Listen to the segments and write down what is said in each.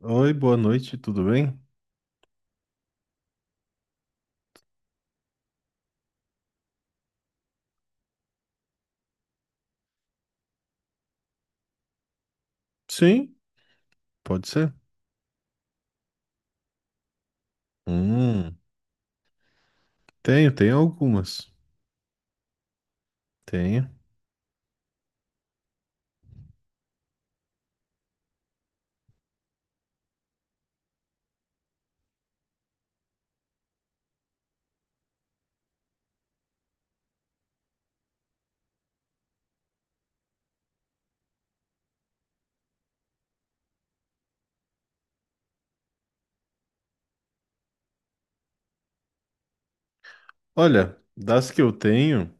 Oi, boa noite, tudo bem? Sim, pode ser. Hum, tenho, tenho algumas. Tenho. Olha, das que eu tenho,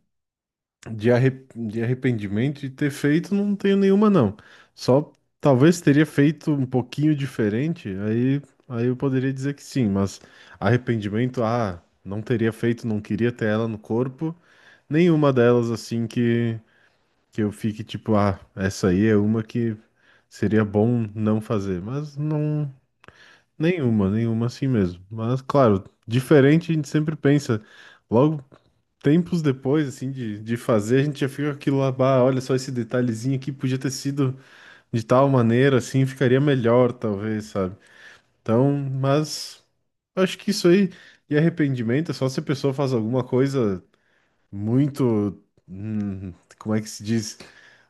de arrependimento de ter feito, não tenho nenhuma, não. Só talvez teria feito um pouquinho diferente, aí eu poderia dizer que sim, mas arrependimento, ah, não teria feito, não queria ter ela no corpo. Nenhuma delas, assim, que eu fique tipo, ah, essa aí é uma que seria bom não fazer, mas não. Nenhuma, nenhuma assim mesmo. Mas, claro, diferente a gente sempre pensa. Logo, tempos depois, assim, de fazer, a gente já fica com aquilo lá, bah, olha só esse detalhezinho aqui, podia ter sido de tal maneira, assim, ficaria melhor, talvez, sabe? Então, mas acho que isso aí de arrependimento é só se a pessoa faz alguma coisa muito, hum, como é que se diz?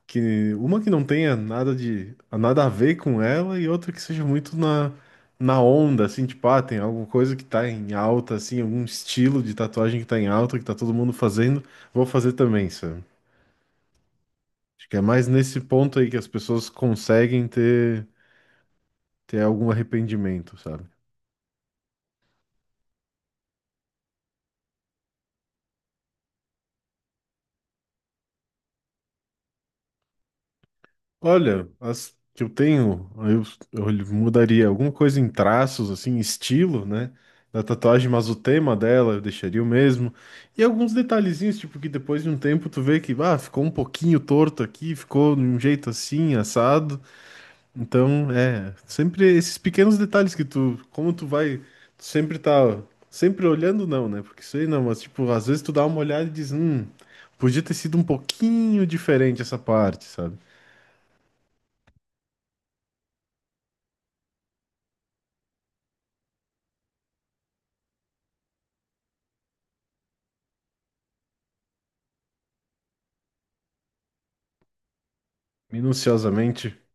Que uma que não tenha nada de nada a ver com ela e outra que seja muito na onda, assim, tipo, ah, tem alguma coisa que tá em alta, assim, algum estilo de tatuagem que tá em alta, que tá todo mundo fazendo, vou fazer também, sabe? Acho que é mais nesse ponto aí que as pessoas conseguem ter algum arrependimento, sabe? Olha, as que eu tenho, eu mudaria alguma coisa em traços, assim, estilo, né? Da tatuagem, mas o tema dela eu deixaria o mesmo. E alguns detalhezinhos, tipo, que depois de um tempo tu vê que, ah, ficou um pouquinho torto aqui, ficou de um jeito assim, assado. Então, é, sempre esses pequenos detalhes que tu, como tu vai, tu sempre tá, sempre olhando, não, né? Porque isso aí não, mas, tipo, às vezes tu dá uma olhada e diz, podia ter sido um pouquinho diferente essa parte, sabe? Minuciosamente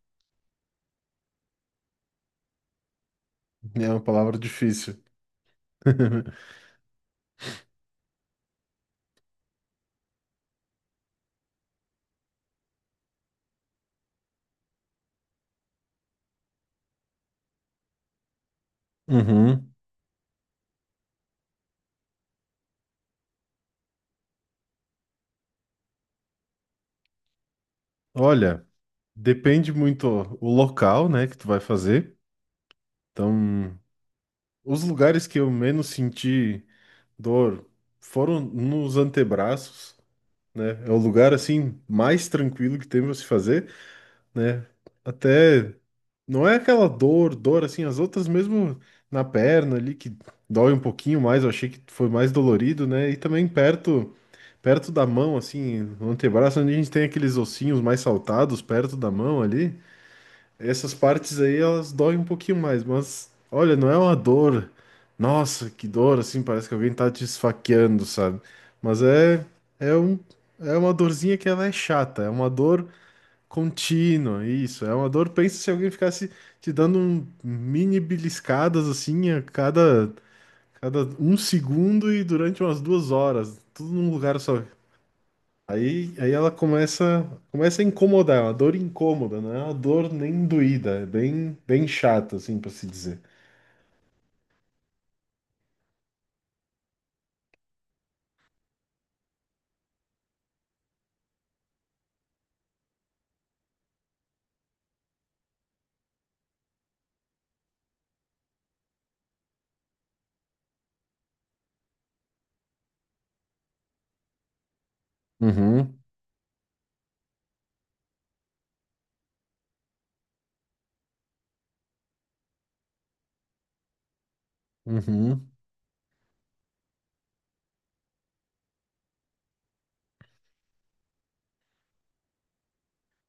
é uma palavra difícil. Uhum. Olha, depende muito o local, né, que tu vai fazer. Então, os lugares que eu menos senti dor foram nos antebraços, né? É o lugar assim mais tranquilo que tem pra se fazer. Né? Até não é aquela dor, dor assim, as outras mesmo na perna ali que dói um pouquinho mais, eu achei que foi mais dolorido, né? E também perto da mão assim, no antebraço, onde a gente tem aqueles ossinhos mais saltados perto da mão ali, essas partes aí elas doem um pouquinho mais, mas olha, não é uma dor. Nossa, que dor assim, parece que alguém tá te esfaqueando, sabe? Mas é é uma dorzinha que ela é chata, é uma dor contínua, isso. É uma dor. Pensa se alguém ficasse te dando um mini beliscadas assim cada um segundo e durante umas duas horas, tudo num lugar só. Aí ela começa a incomodar, é uma dor incômoda, não é uma dor nem doída, é bem, bem chata, assim, para se dizer. Uhum, uhum.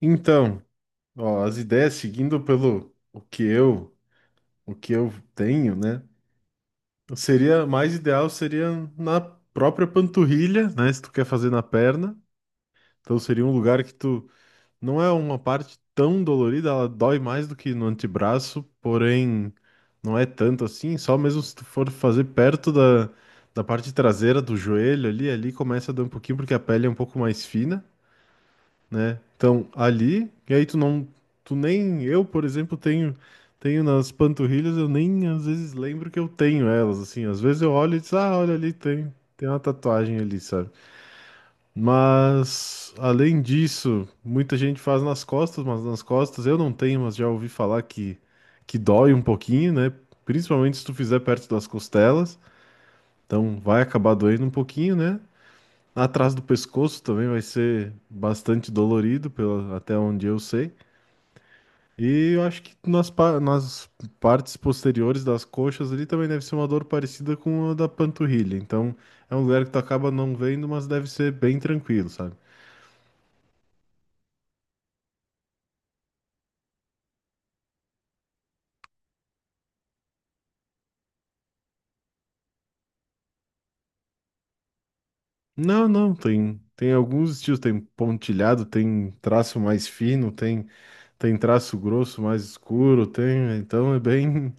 Então, ó, as ideias seguindo pelo o o que eu tenho, né? Seria mais ideal seria na própria panturrilha, né? Se tu quer fazer na perna. Então seria um lugar que tu não é uma parte tão dolorida, ela dói mais do que no antebraço, porém não é tanto assim, só mesmo se tu for fazer perto da parte traseira do joelho ali, ali começa a dar um pouquinho porque a pele é um pouco mais fina, né? Então, ali, e aí tu nem, eu, por exemplo, tenho nas panturrilhas, eu nem às vezes lembro que eu tenho elas, assim, às vezes eu olho e diz, ah, olha ali, tem uma tatuagem ali, sabe? Mas, além disso, muita gente faz nas costas, mas nas costas eu não tenho, mas já ouvi falar que dói um pouquinho, né? Principalmente se tu fizer perto das costelas, então vai acabar doendo um pouquinho, né? Atrás do pescoço também vai ser bastante dolorido, pela, até onde eu sei. E eu acho que nas partes posteriores das coxas ali também deve ser uma dor parecida com a da panturrilha. Então é um lugar que tu acaba não vendo, mas deve ser bem tranquilo, sabe? Não, não, tem alguns estilos, tem pontilhado, tem traço mais fino, tem, tem traço grosso mais escuro, tem, então é bem,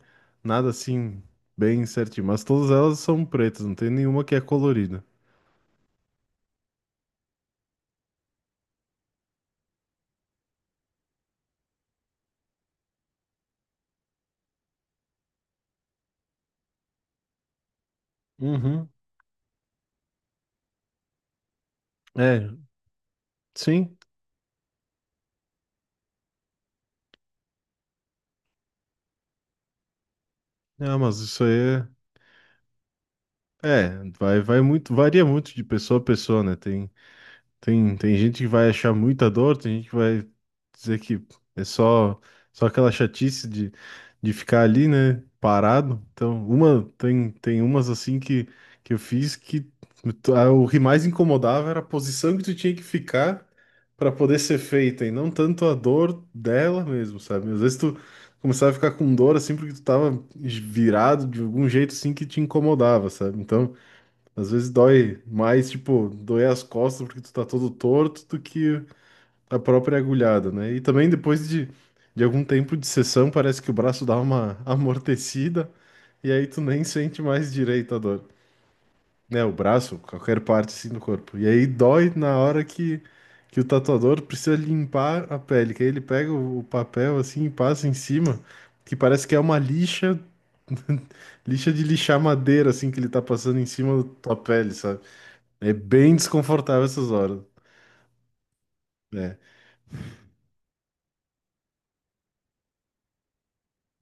nada assim, bem certinho. Mas todas elas são pretas, não tem nenhuma que é colorida. Uhum. É, sim. Ah, mas isso aí vai muito, varia muito de pessoa a pessoa, né? Tem gente que vai achar muita dor, tem gente que vai dizer que é só aquela chatice de ficar ali, né, parado. Então, uma, tem umas assim que eu fiz que tu- ah, o que mais incomodava era a posição que tu tinha que ficar para poder ser feita, e não tanto a dor dela mesmo, sabe? Às vezes tu começava a ficar com dor assim porque tu tava virado de algum jeito assim que te incomodava, sabe? Então, às vezes dói mais, tipo, doer as costas porque tu tá todo torto do que a própria agulhada, né? E também depois de algum tempo de sessão, parece que o braço dá uma amortecida e aí tu nem sente mais direito a dor. Né, o braço, qualquer parte assim do corpo. E aí dói na hora que o tatuador precisa limpar a pele, que aí ele pega o papel assim e passa em cima, que parece que é uma lixa, lixa de lixar madeira assim que ele tá passando em cima da tua pele, sabe? É bem desconfortável essas horas. É,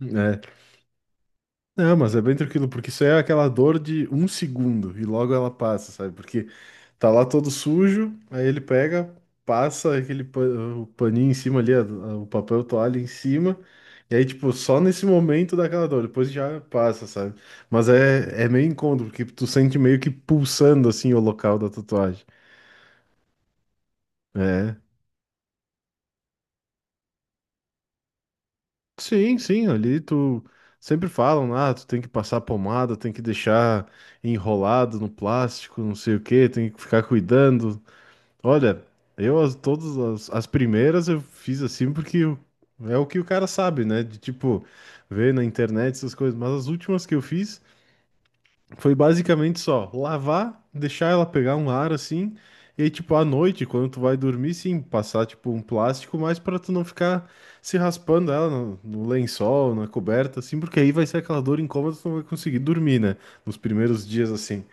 é. Não, mas é bem tranquilo, porque isso é aquela dor de um segundo e logo ela passa, sabe? Porque tá lá todo sujo, aí ele pega, passa o paninho em cima ali, o papel toalha em cima, e aí, tipo, só nesse momento dá aquela dor, depois já passa, sabe? Mas é meio incômodo, porque tu sente meio que pulsando assim o local da tatuagem. É. Sim, sim, ali tu sempre falam, ah, tu tem que passar pomada, tem que deixar enrolado no plástico, não sei o que tem que ficar cuidando. Olha, eu todas as primeiras eu fiz assim porque o- é o que o cara sabe, né? De tipo, ver na internet essas coisas, mas as últimas que eu fiz foi basicamente só lavar, deixar ela pegar um ar assim, e aí, tipo, à noite, quando tu vai dormir, sim, passar, tipo, um plástico, mas para tu não ficar se raspando ela no lençol, na coberta, assim, porque aí vai ser aquela dor incômoda, tu não vai conseguir dormir, né? Nos primeiros dias, assim.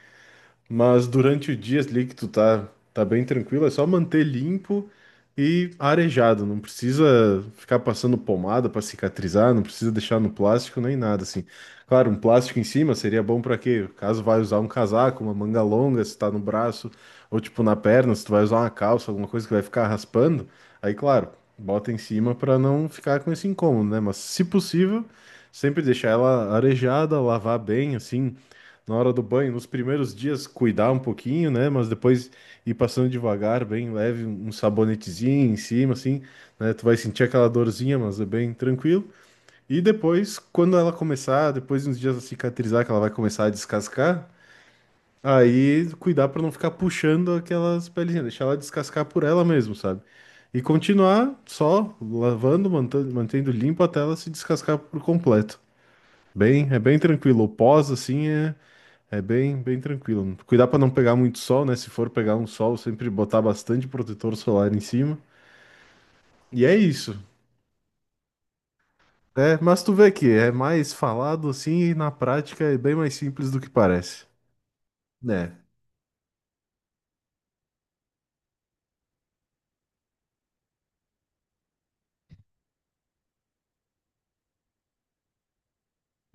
Mas durante o dia ali tá bem tranquilo, é só manter limpo e arejado. Não precisa ficar passando pomada para cicatrizar, não precisa deixar no plástico nem nada assim. Claro, um plástico em cima seria bom para quê? Caso vai usar um casaco, uma manga longa, se tá no braço, ou tipo na perna, se tu vai usar uma calça, alguma coisa que vai ficar raspando, aí claro, bota em cima para não ficar com esse incômodo, né? Mas se possível, sempre deixar ela arejada, lavar bem assim na hora do banho, nos primeiros dias cuidar um pouquinho, né? Mas depois ir passando devagar, bem leve, um sabonetezinho em cima, assim, né? Tu vai sentir aquela dorzinha, mas é bem tranquilo. E depois, quando ela começar, depois de uns dias a cicatrizar, que ela vai começar a descascar, aí cuidar para não ficar puxando aquelas pelezinhas, deixar ela descascar por ela mesmo, sabe? E continuar só lavando, mantendo limpo até ela se descascar por completo. Bem, é bem tranquilo. O pós, assim, é bem, bem tranquilo. Cuidar para não pegar muito sol, né? Se for pegar um sol, sempre botar bastante protetor solar em cima. E é isso. É, mas tu vê que é mais falado assim e na prática é bem mais simples do que parece. Né?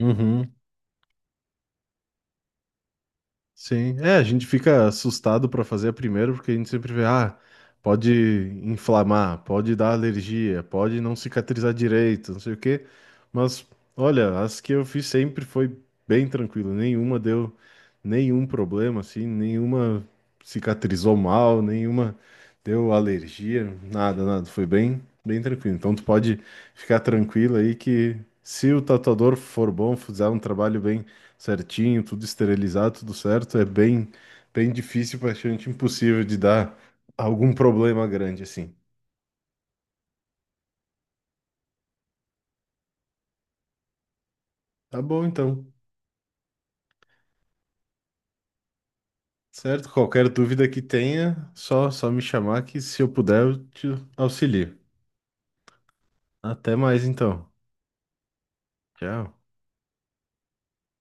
Uhum. Sim, é, a gente fica assustado para fazer a primeira, porque a gente sempre vê, ah, pode inflamar, pode dar alergia, pode não cicatrizar direito, não sei o quê. Mas, olha, as que eu fiz sempre foi bem tranquilo, nenhuma deu nenhum problema, assim, nenhuma cicatrizou mal, nenhuma deu alergia, nada, nada, foi bem, bem tranquilo. Então tu pode ficar tranquilo aí que se o tatuador for bom, fizer um trabalho bem certinho, tudo esterilizado, tudo certo, é bem, bem difícil, praticamente impossível de dar algum problema grande assim. Tá bom, então. Certo? Qualquer dúvida que tenha, só me chamar que se eu puder eu te auxilio. Até mais então. Tchau.